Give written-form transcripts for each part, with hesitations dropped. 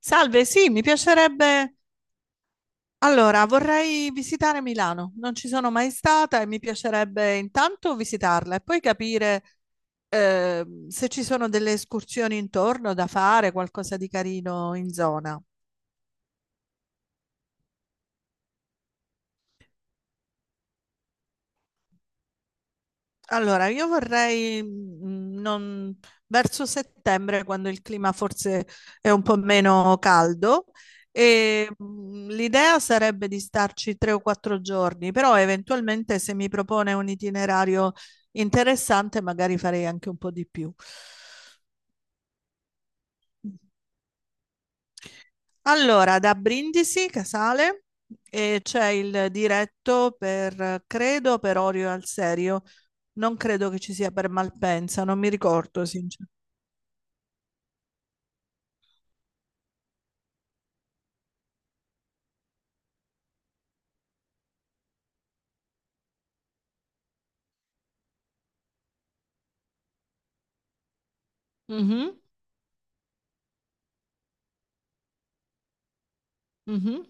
Salve, sì, mi piacerebbe. Allora, vorrei visitare Milano. Non ci sono mai stata e mi piacerebbe intanto visitarla e poi capire se ci sono delle escursioni intorno da fare, qualcosa di carino in zona. Allora, io vorrei verso settembre, quando il clima forse è un po' meno caldo, e l'idea sarebbe di starci tre o quattro giorni, però eventualmente se mi propone un itinerario interessante, magari farei anche un po' di più. Allora, da Brindisi, Casale, e c'è il diretto per, credo, per Orio al Serio. Non credo che ci sia per Malpensa, non mi ricordo, sinceramente. Mhm.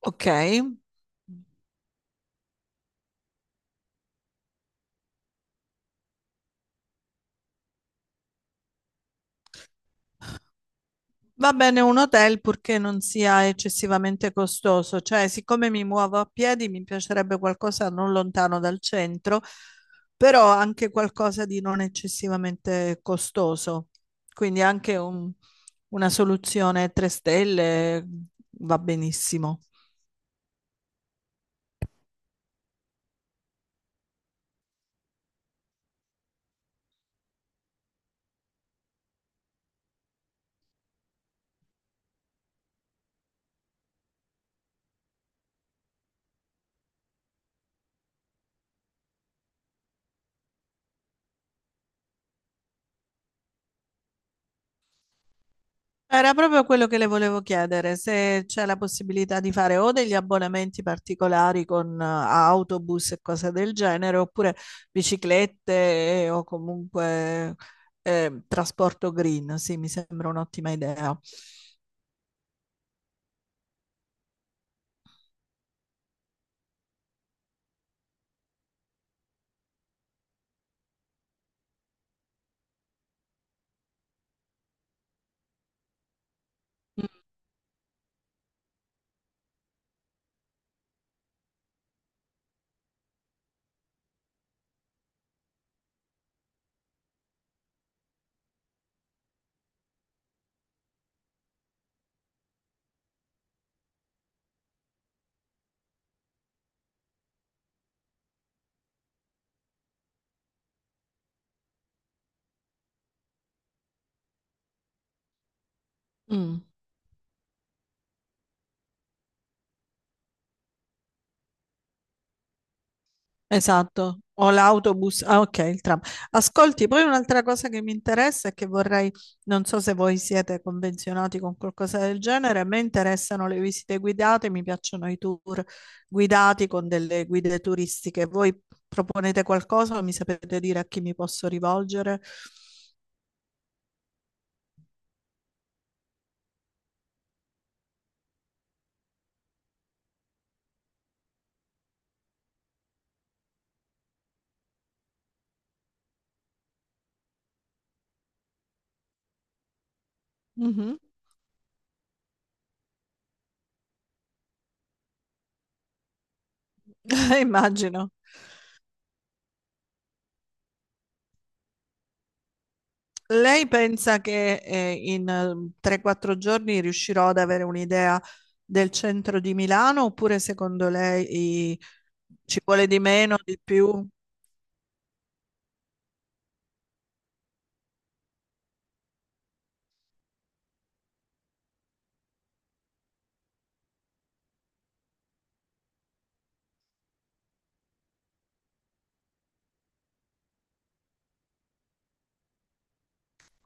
Ok, va bene un hotel purché non sia eccessivamente costoso, cioè siccome mi muovo a piedi mi piacerebbe qualcosa non lontano dal centro, però anche qualcosa di non eccessivamente costoso, quindi una soluzione 3 stelle va benissimo. Era proprio quello che le volevo chiedere, se c'è la possibilità di fare o degli abbonamenti particolari con autobus e cose del genere, oppure biciclette o comunque trasporto green. Sì, mi sembra un'ottima idea. Mm. Esatto, o l'autobus, ah ok, il tram. Ascolti, poi un'altra cosa che mi interessa e che vorrei, non so se voi siete convenzionati con qualcosa del genere, a me interessano le visite guidate, mi piacciono i tour guidati con delle guide turistiche. Voi proponete qualcosa o mi sapete dire a chi mi posso rivolgere? Mhm. Immagino. Lei pensa che in 3-4 giorni riuscirò ad avere un'idea del centro di Milano oppure ci vuole di meno, di più?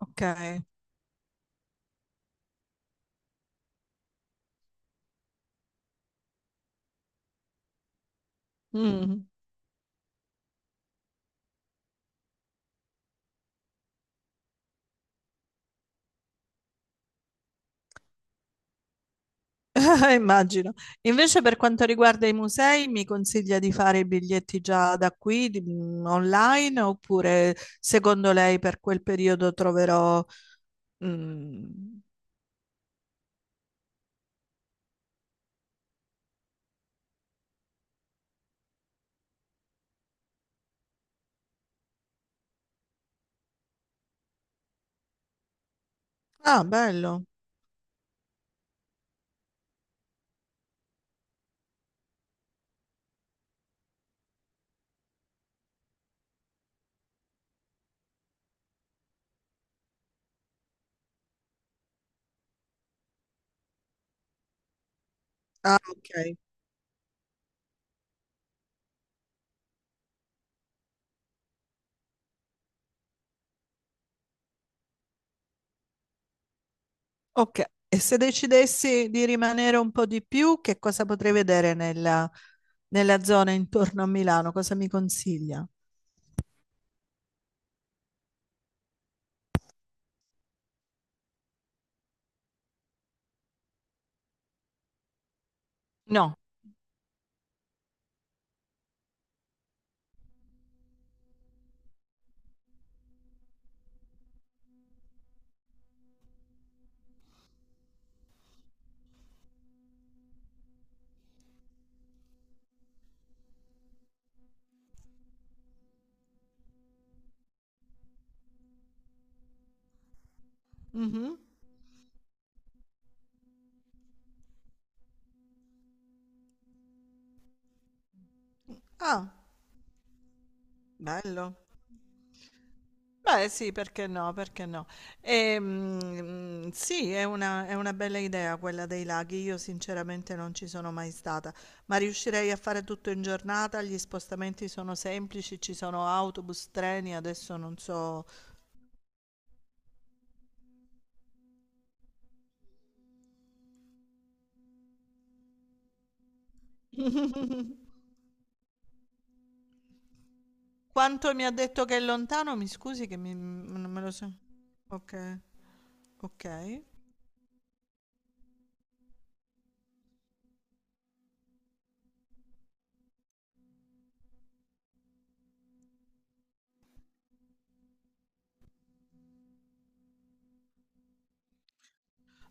Ok, mm. Immagino. Invece per quanto riguarda i musei, mi consiglia di fare i biglietti già da qui, online, oppure secondo lei per quel periodo troverò... mm, Ah, bello. Ah, ok. Ok, e se decidessi di rimanere un po' di più, che cosa potrei vedere nella zona intorno a Milano? Cosa mi consiglia? No. Mhm. Ah, bello. Beh, sì, perché no, perché no. Sì, è una bella idea quella dei laghi. Io sinceramente non ci sono mai stata, ma riuscirei a fare tutto in giornata. Gli spostamenti sono semplici, ci sono autobus, treni, adesso non so. Quanto mi ha detto che è lontano? Mi scusi che mi- non me lo so. Ok, ok.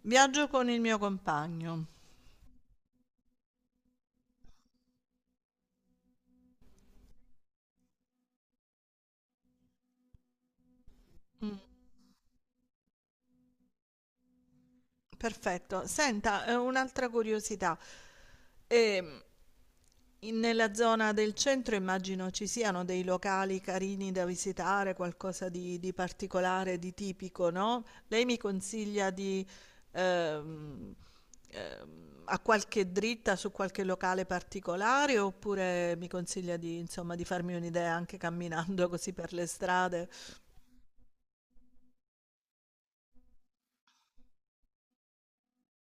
Viaggio con il mio compagno. Mm. Perfetto. Senta, un'altra curiosità. Ehm, nella zona del centro immagino ci siano dei locali carini da visitare, qualcosa di particolare, di tipico, no? Lei mi consiglia di, ehm, a qualche dritta su qualche locale particolare oppure mi consiglia di, insomma, di farmi un'idea anche camminando così per le strade?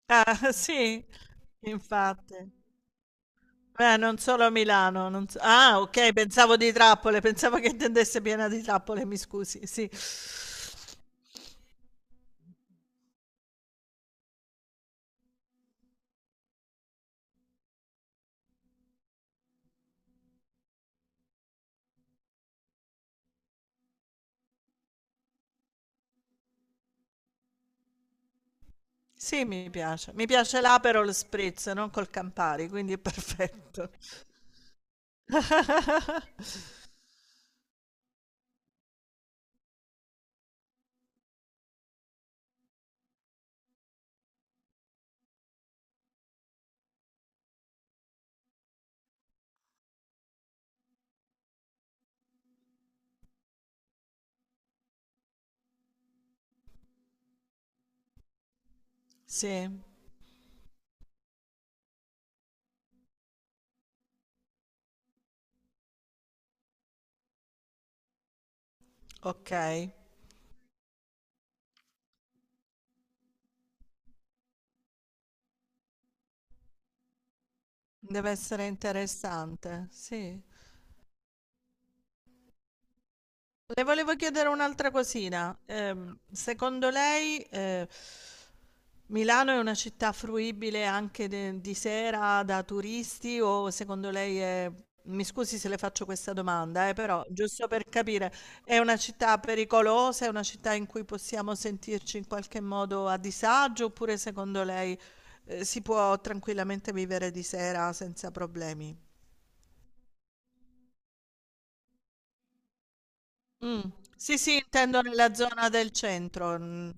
Ah, sì, infatti. Beh, non solo a Milano. Non so- Ah, ok, pensavo di trappole, pensavo che intendesse piena di trappole, mi scusi. Sì. Sì, mi piace. Mi piace l'Aperol Spritz, non col Campari, quindi è perfetto. Sì, ok. Deve essere interessante. Sì. Le volevo chiedere un'altra cosina. Secondo lei, Milano è una città fruibile di sera da turisti o secondo lei è... Mi scusi se le faccio questa domanda, però giusto per capire, è una città pericolosa, è una città in cui possiamo sentirci in qualche modo a disagio oppure secondo lei, si può tranquillamente vivere di sera senza problemi? Mm. Sì, sì, intendo nella zona del centro. Mm.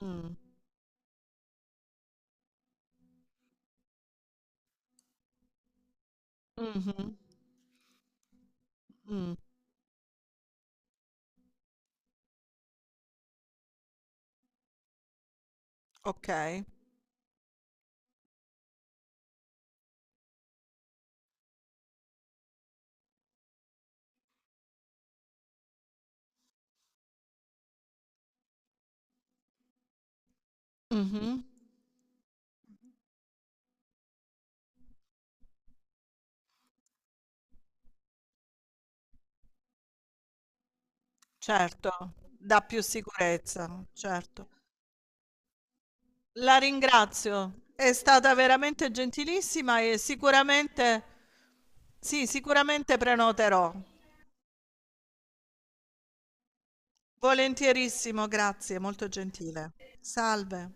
Mm. Mh-mh. Mh. Okay. Mh-mh. Certo, dà più sicurezza, certo. La ringrazio, è stata veramente gentilissima e sicuramente sì, sicuramente prenoterò. Volentierissimo, grazie, molto gentile. Salve.